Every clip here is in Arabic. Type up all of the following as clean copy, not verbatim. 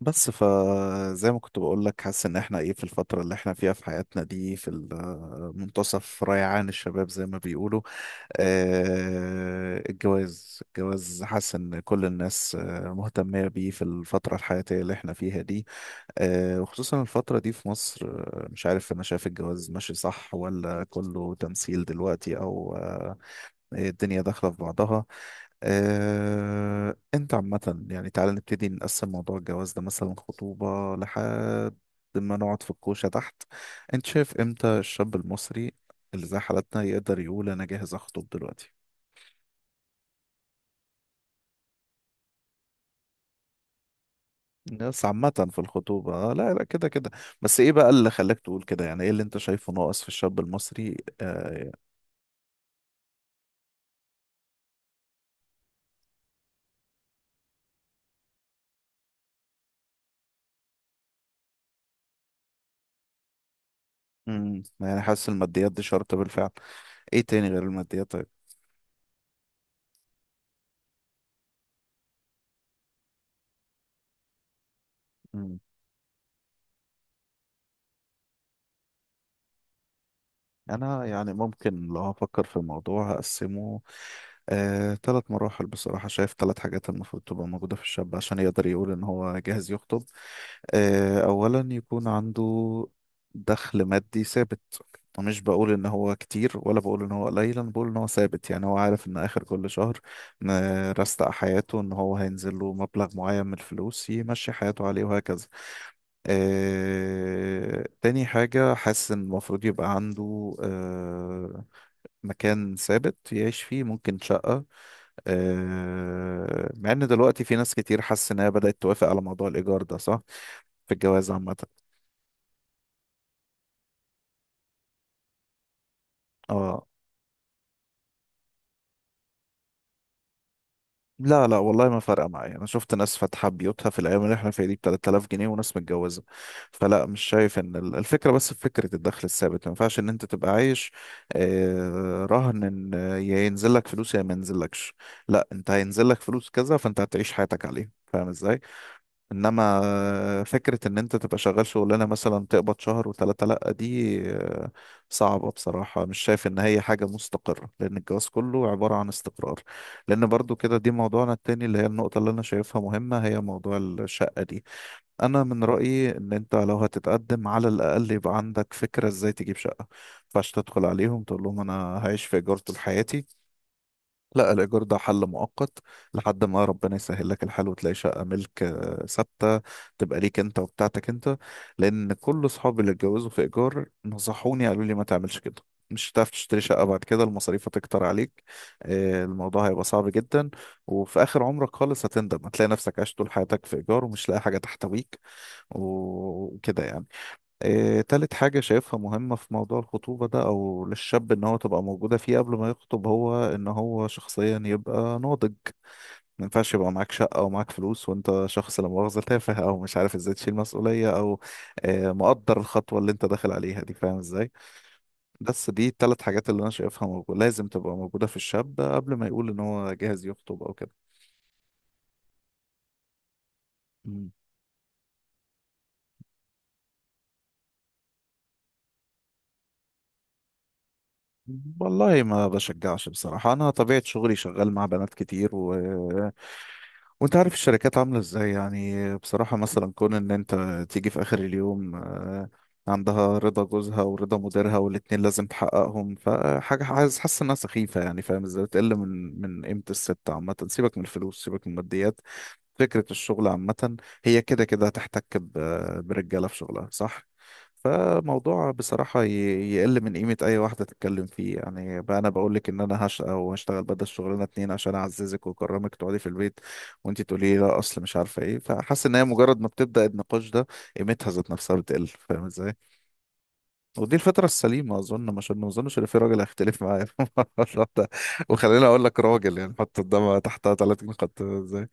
بس فزي ما كنت بقول لك حاسس ان احنا ايه في الفترة اللي احنا فيها في حياتنا دي في منتصف ريعان الشباب زي ما بيقولوا. الجواز حاسس ان كل الناس مهتمة بيه في الفترة الحياتية اللي احنا فيها دي. وخصوصا الفترة دي في مصر، مش عارف انا شايف الجواز ماشي صح ولا كله تمثيل دلوقتي او إيه، الدنيا داخلة في بعضها. انت عامة يعني تعالى نبتدي نقسم موضوع الجواز ده، مثلا خطوبة لحد ما نقعد في الكوشة تحت. انت شايف امتى الشاب المصري اللي زي حالتنا يقدر يقول انا جاهز اخطب دلوقتي؟ بس عامة في الخطوبة، لا لا كده كده. بس ايه بقى اللي خلاك تقول كده؟ يعني ايه اللي انت شايفه ناقص في الشاب المصري؟ يعني حاسس الماديات دي شرط بالفعل؟ ايه تاني غير الماديات؟ طيب، انا يعني ممكن لو هفكر في الموضوع هقسمه ثلاث مراحل. بصراحة شايف ثلاث حاجات المفروض تبقى موجودة في الشاب عشان يقدر يقول ان هو جاهز يخطب. اولا يكون عنده دخل مادي ثابت، ومش بقول ان هو كتير ولا بقول ان هو قليل، انا بقول ان هو ثابت. يعني هو عارف ان اخر كل شهر رستق حياته ان هو هينزل له مبلغ معين من الفلوس يمشي حياته عليه وهكذا. تاني حاجة حاسس إن المفروض يبقى عنده مكان ثابت يعيش فيه، ممكن شقة. مع إن دلوقتي في ناس كتير حاسس إن هي بدأت توافق على موضوع الإيجار ده، صح؟ في الجواز عامة. اه. لا لا، والله ما فارقة معايا. أنا شفت ناس فاتحة بيوتها في الأيام اللي احنا فيها دي ب 3000 جنيه وناس متجوزة، فلا، مش شايف إن الفكرة بس في فكرة الدخل الثابت. ما ينفعش إن أنت تبقى عايش رهن إن يا ينزل لك فلوس يا ما ينزلكش. لا، أنت هينزل لك فلوس كذا فأنت هتعيش حياتك عليه، فاهم إزاي؟ انما فكرة ان انت تبقى شغال شغلانة مثلا تقبض شهر وثلاثة، لأ دي صعبة بصراحة. مش شايف ان هي حاجة مستقرة، لان الجواز كله عبارة عن استقرار. لان برضو كده، دي موضوعنا التاني اللي هي النقطة اللي انا شايفها مهمة، هي موضوع الشقة دي. انا من رأيي ان انت لو هتتقدم على الاقل يبقى عندك فكرة ازاي تجيب شقة. مينفعش تدخل عليهم تقول لهم انا هعيش في ايجار طول حياتي، لا، الإيجار ده حل مؤقت لحد ما ربنا يسهل لك الحال وتلاقي شقة ملك ثابتة تبقى ليك أنت وبتاعتك أنت. لأن كل أصحابي اللي اتجوزوا في إيجار نصحوني، قالوا لي ما تعملش كده، مش هتعرف تشتري شقة بعد كده، المصاريف هتكتر عليك، الموضوع هيبقى صعب جدا، وفي آخر عمرك خالص هتندم، هتلاقي نفسك عايش طول حياتك في إيجار ومش لاقي حاجة تحتويك وكده يعني. إيه، تالت حاجة شايفها مهمة في موضوع الخطوبة ده أو للشاب إن هو تبقى موجودة فيه قبل ما يخطب، هو إن هو شخصيا يبقى ناضج. ما ينفعش يبقى معاك شقة أو معاك فلوس وأنت شخص، لا مؤاخذة، تافه أو مش عارف إزاي تشيل مسؤولية أو مقدر الخطوة اللي أنت داخل عليها دي، فاهم إزاي؟ بس دي التلات حاجات اللي أنا شايفها موجودة، لازم تبقى موجودة في الشاب قبل ما يقول إن هو جاهز يخطب أو كده. مم. والله ما بشجعش بصراحة. أنا طبيعة شغلي شغال مع بنات كتير، و وانت عارف الشركات عاملة ازاي. يعني بصراحة مثلا كون ان انت تيجي في اخر اليوم عندها رضا جوزها ورضا مديرها والاتنين لازم تحققهم، فحاجة عايز حاسس انها سخيفة يعني، فاهم ازاي؟ بتقل من قيمة الست عامة. سيبك من الفلوس، سيبك من الماديات، فكرة الشغل عامة، هي كده كده هتحتك برجالة في شغلها، صح؟ فموضوع بصراحة يقل من قيمة أي واحدة تتكلم فيه. يعني بقى أنا بقولك إن أنا هشقى وهشتغل بدل الشغلانة اتنين عشان أعززك وأكرمك تقعدي في البيت، وانت تقولي لي لا اصل مش عارفه ايه، فحاسس ان هي مجرد ما بتبدا النقاش ده قيمتها ذات نفسها بتقل، فاهم ازاي؟ ودي الفتره السليمه اظن، مش ما اظنش ان في راجل هيختلف معايا في الموضوع ده. وخليني اقول لك راجل يعني حط قدامها تحتها ثلاث نقط ازاي.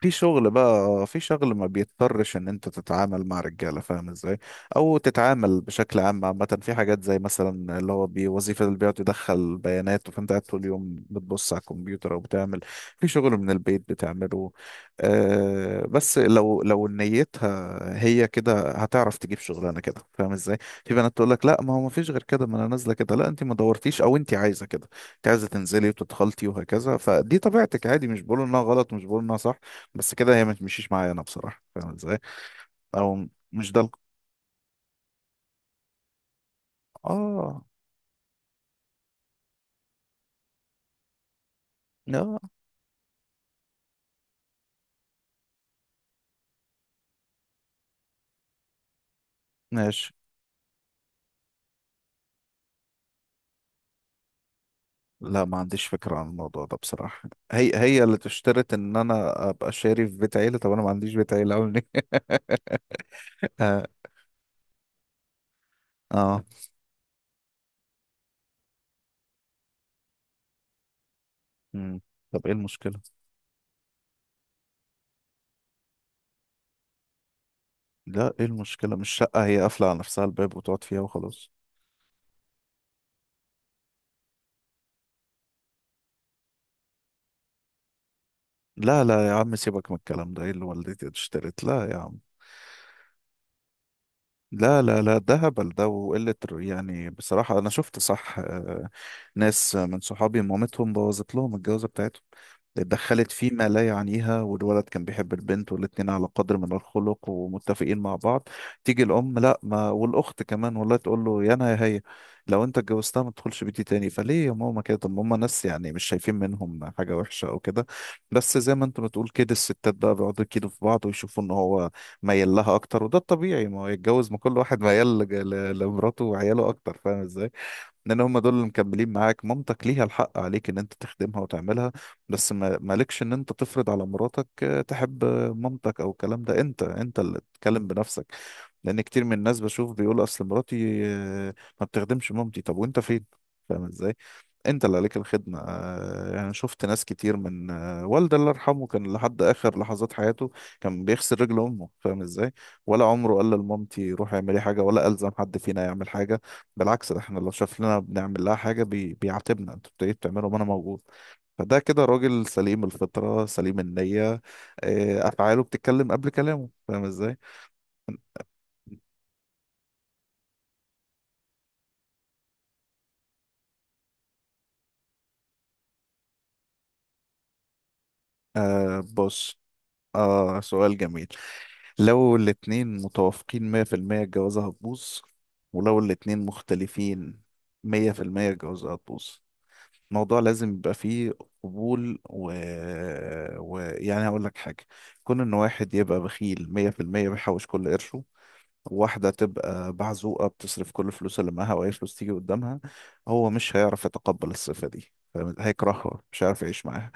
في شغل بقى، في شغل ما بيضطرش ان انت تتعامل مع رجاله، فاهم ازاي؟ او تتعامل بشكل عام عامه في حاجات زي مثلا اللي هو بوظيفه اللي بيقعد يدخل بيانات، وفانت قاعد طول اليوم بتبص على الكمبيوتر او بتعمل في شغل من البيت بتعمله. آه، بس لو لو نيتها هي كده هتعرف تجيب شغلانه كده، فاهم ازاي؟ في بنات تقول لك لا، ما هو ما فيش غير كده، ما انا نازله كده. لا، انت ما دورتيش، او انت عايزه كده، انت عايزه تنزلي وتتخلطي وهكذا. فدي طبيعتك، عادي، مش بقول انها غلط، مش بقول انها صح، بس كده هي ما تمشيش معايا انا بصراحه، فاهم ازاي؟ او مش ده اه. لا ماشي. لا، ما عنديش فكره عن الموضوع ده بصراحه. هي هي اللي تشترط ان انا ابقى شاري في بيت عيله؟ طب انا ما عنديش بيت عيله، اقول ليه؟ اه, آه. مم. طب ايه المشكله؟ لا، ايه المشكله؟ مش شقه هي قافله على نفسها الباب وتقعد فيها وخلاص. لا لا يا عم، سيبك من الكلام ده، ايه اللي والدتي اشترت؟ لا يا عم. لا لا لا، ده هبل ده وقلة يعني. بصراحة أنا شفت صح، ناس من صحابي مامتهم بوظت لهم الجوازة بتاعتهم، اتدخلت فيما لا يعنيها، والولد كان بيحب البنت والاتنين على قدر من الخلق ومتفقين مع بعض. تيجي الأم لا ما، والأخت كمان والله، تقول له يا أنا يا هي، لو أنت اتجوزتها ما تدخلش بيتي تاني. فليه يا ماما كده؟ طب ما هم ناس، يعني مش شايفين منهم حاجة وحشة أو كده، بس زي ما أنت بتقول كده الستات بقى بيقعدوا يكيدوا في بعض، ويشوفوا إن هو ميال لها اكتر، وده الطبيعي، ما هو يتجوز، ما كل واحد ميال لمراته وعياله اكتر، فاهم ازاي؟ لان هم دول اللي مكملين معاك. مامتك ليها الحق عليك ان انت تخدمها وتعملها، بس ما مالكش ان انت تفرض على مراتك تحب مامتك او الكلام ده، انت انت اللي تتكلم بنفسك. لان كتير من الناس بشوف بيقول اصل مراتي ما بتخدمش مامتي. طب وانت فين؟ فاهم ازاي؟ انت اللي عليك الخدمة. يعني شفت ناس كتير من والدي الله يرحمه كان لحد اخر لحظات حياته كان بيغسل رجل امه، فاهم ازاي؟ ولا عمره قال لمامتي روحي اعملي حاجة، ولا الزم حد فينا يعمل حاجة. بالعكس، ده احنا لو شاف لنا بنعمل لها حاجة بيعاتبنا، انتوا بتيجوا بتعملوا وانا موجود. فده كده راجل سليم الفطرة، سليم النية. افعاله بتتكلم قبل كلامه، فاهم ازاي؟ آه بص، آه سؤال جميل. لو الاتنين متوافقين 100% الجوازة هتبوظ، ولو الاتنين مختلفين 100% الجوازة هتبوظ. الموضوع لازم يبقى فيه قبول يعني هقول لك حاجة. كون إن واحد يبقى بخيل 100% بيحوش كل قرشه، واحدة تبقى بعزوقة بتصرف كل الفلوس اللي معاها وأي فلوس تيجي قدامها، هو مش هيعرف يتقبل الصفة دي، فاهم؟ هيكرهها، مش هيعرف يعيش معاها.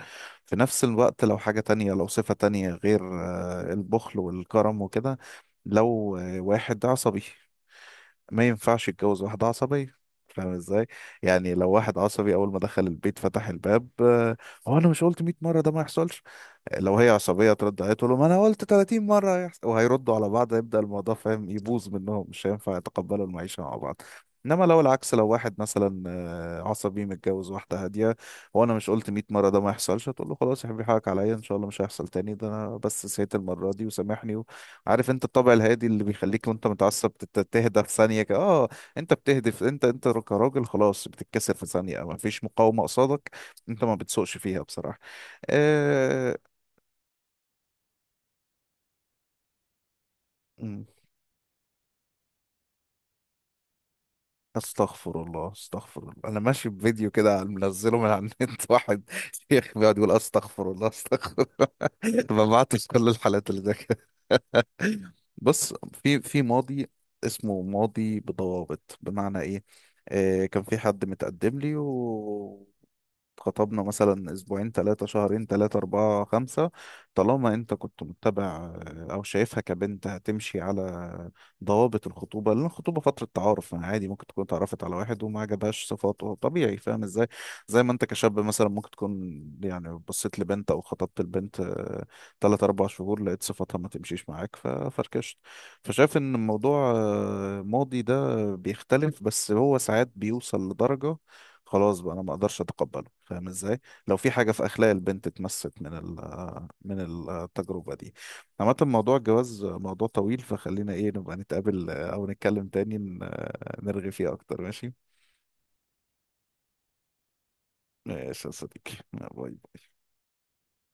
في نفس الوقت لو حاجة تانية، لو صفة تانية غير البخل والكرم وكده، لو واحد عصبي ما ينفعش يتجوز واحدة عصبية، فاهم ازاي؟ يعني لو واحد عصبي أول ما دخل البيت فتح الباب هو أنا مش قلت 100 مرة ده ما يحصلش، لو هي عصبية ترد عليه تقول له ما انا قلت 30 مرة هيحصل، وهيردوا على بعض، هيبدأ الموضوع فاهم يبوظ منهم، مش هينفع يتقبلوا المعيشة مع بعض. انما لو العكس، لو واحد مثلا عصبي متجوز واحدة هادية، وانا مش قلت 100 مرة ده ما يحصلش، هتقول له خلاص يا حبيبي حقك عليا ان شاء الله مش هيحصل تاني، ده انا بس سهيت المرة دي وسامحني. عارف انت الطبع الهادي اللي بيخليك وانت متعصب تهدى في ثانية كده. اه انت بتهدف، انت انت كراجل خلاص بتتكسر في ثانية، ما فيش مقاومة قصادك، انت ما بتسوقش فيها بصراحة. آه، مم. استغفر الله استغفر الله، انا ماشي بفيديو كده منزله من على النت واحد شيخ بيقعد يقول استغفر الله استغفر الله ببعت كل الحالات اللي زي كده. بص، في في ماضي اسمه ماضي بضوابط. بمعنى ايه؟ آه كان في حد متقدم لي، اتخطبنا مثلا اسبوعين، ثلاثة، شهرين، ثلاثة، أربعة، خمسة، طالما انت كنت متبع او شايفها كبنت هتمشي على ضوابط الخطوبة. لان الخطوبة فترة تعارف، يعني عادي ممكن تكون اتعرفت على واحد وما عجبهاش صفاته، طبيعي، فاهم ازاي؟ زي ما انت كشاب مثلا ممكن تكون يعني بصيت لبنت او خطبت البنت ثلاث أربع شهور لقيت صفاتها ما تمشيش معاك ففركشت. فشايف ان الموضوع ماضي ده بيختلف، بس هو ساعات بيوصل لدرجة خلاص بقى انا ما اقدرش اتقبله، فاهم ازاي؟ لو في حاجه في اخلاق البنت اتمست من من التجربه دي. عامه موضوع الجواز موضوع طويل، فخلينا ايه نبقى نتقابل او نتكلم تاني نرغي فيه اكتر. ماشي ماشي يا صديقي، باي.